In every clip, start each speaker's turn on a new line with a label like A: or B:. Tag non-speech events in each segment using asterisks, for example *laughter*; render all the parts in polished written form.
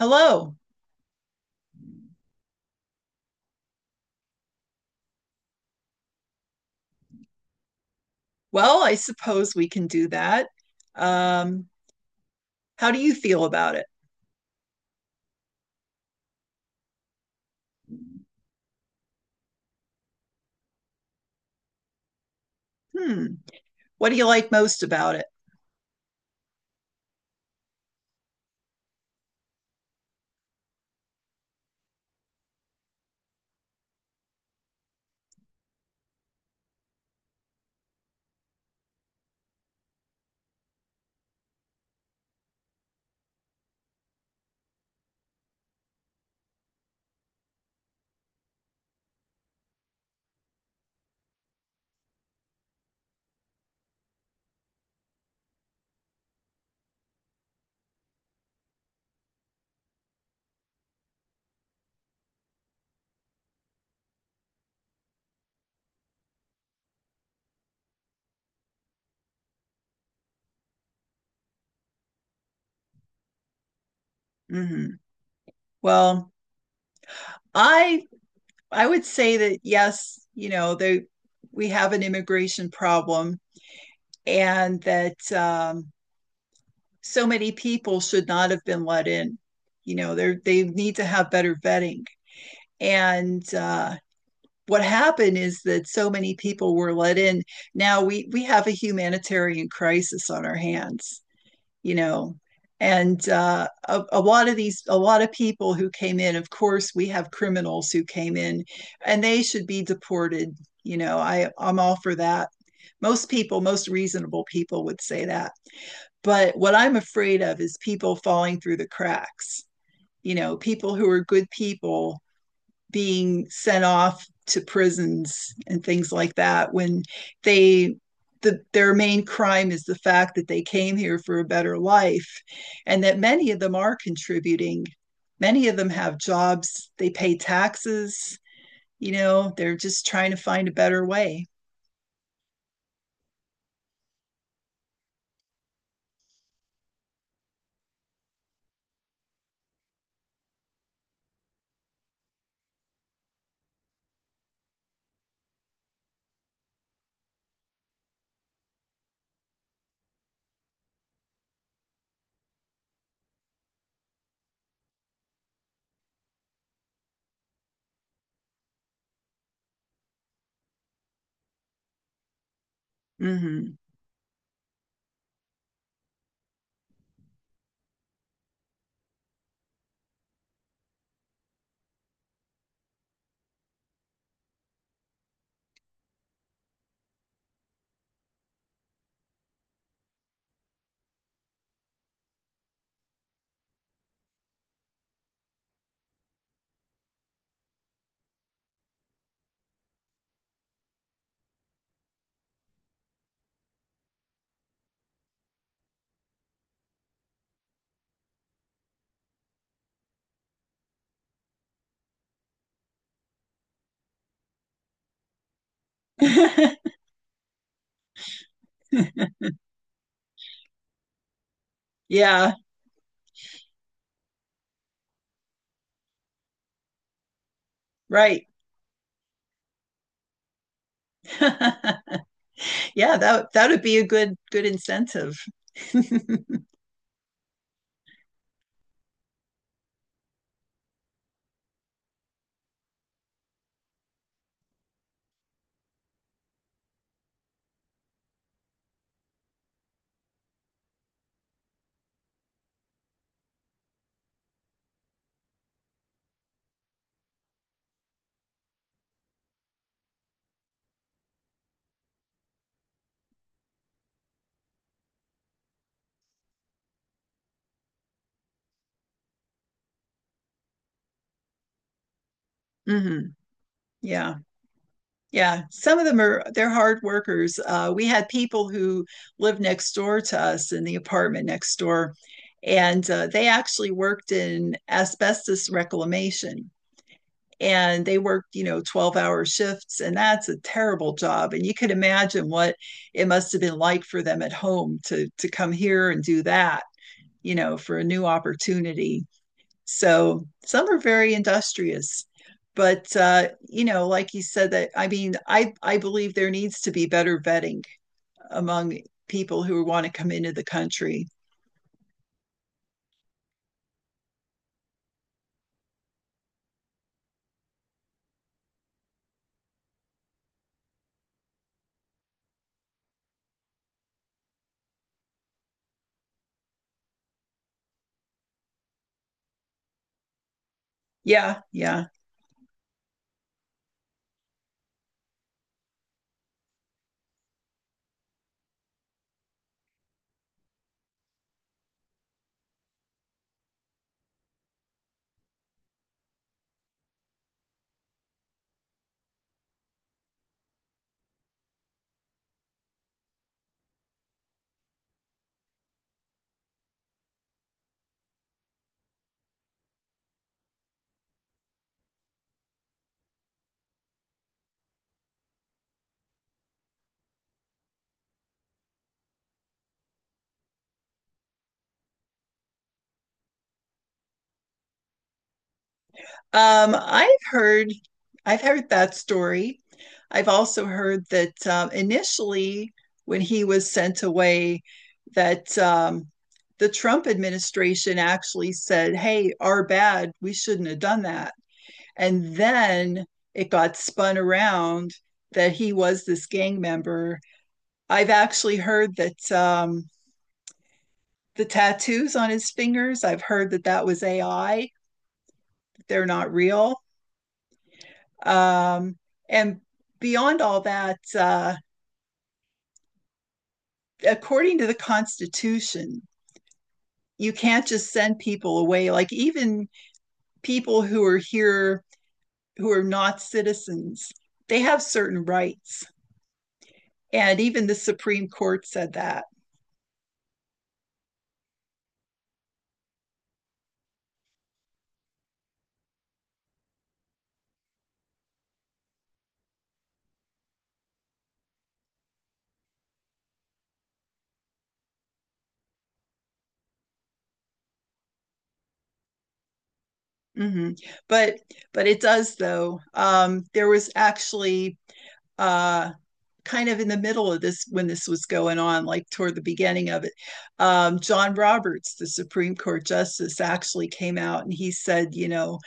A: Hello. Well, I suppose we can do that. Um, how do you feel about it? Hmm. What do you like most about it? Hmm. Well, I I would say that yes, you know, there we have an immigration problem and that so many people should not have been let in. You know, they need to have better vetting. And What happened is that so many people were let in. Now we have a humanitarian crisis on our hands, you know, and a lot of people who came in, of course we have criminals who came in and they should be deported. You know, I'm all for that. Most people, most reasonable people would say that, but what I'm afraid of is people falling through the cracks, you know, people who are good people being sent off to prisons and things like that when they their main crime is the fact that they came here for a better life and that many of them are contributing. Many of them have jobs, they pay taxes. You know, they're just trying to find a better way. Mhm. *laughs* Yeah, right. *laughs* Yeah, that that would be a good good incentive. *laughs* Hmm. Yeah. Yeah. Some of them are, they're hard workers. We had people who lived next door to us in the apartment next door, and they actually worked in asbestos reclamation. And they worked, you know, 12-hour shifts, and that's a terrible job. And you could imagine what it must have been like for them at home to come here and do that, you know, for a new opportunity. So some are very industrious. But you know, like you said, that I mean, I believe there needs to be better vetting among people who want to come into the country. Yeah, yeah. Um, I've heard, I've heard that story. I've also heard that initially, when he was sent away, that the Trump administration actually said, "Hey, our bad. We shouldn't have done that." And then it got spun around that he was this gang member. I've actually heard that the tattoos on his fingers. I've heard that that was AI. They're not real. Um, and beyond all that, according to the Constitution, you can't just send people away. Like even people who are here who are not citizens, they have certain rights, and even the Supreme Court said that. Mm-hmm. But but it does though. There was actually uh, kind of in the middle of this when this was going on, like toward the beginning of it. John Roberts, the Supreme Court Justice, actually came out and he said, you know,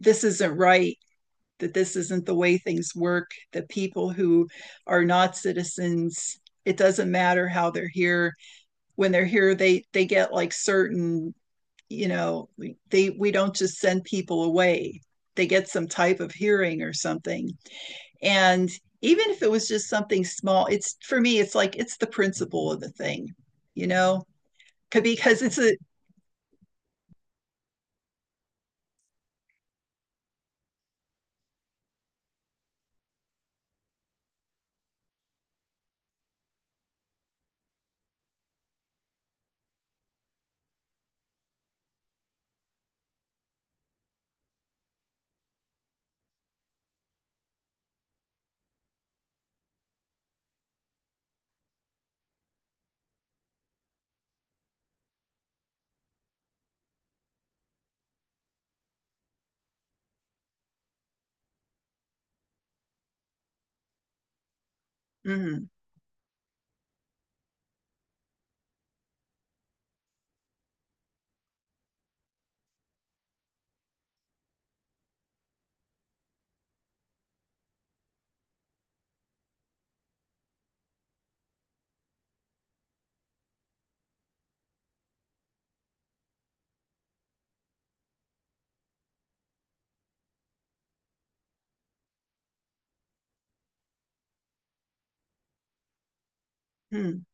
A: this isn't right, that this isn't the way things work, that people who are not citizens. It doesn't matter how they're here. When they're here, they get like certain, you know, they we don't just send people away, they get some type of hearing or something. And even if it was just something small, it's, for me, it's like it's the principle of the thing, you know. Because it's a. Hmm. Hmm.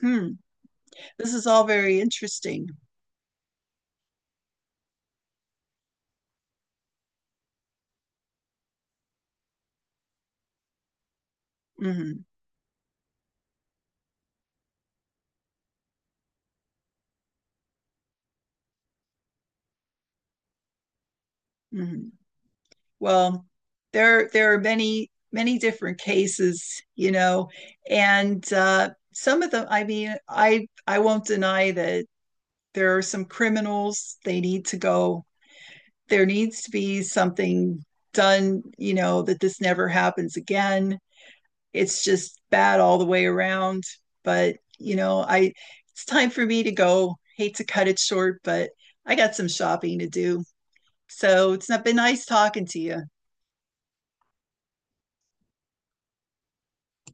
A: Hmm. This is all very interesting. Hmm. Hmm. Well, there are many many different cases, you know, and some of them. I mean, I won't deny that there are some criminals, they need to go. There needs to be something done, you know, that this never happens again. It's just bad all the way around. But, you know, I it's time for me to go. Hate to cut it short, but I got some shopping to do. So it's not been nice talking to you.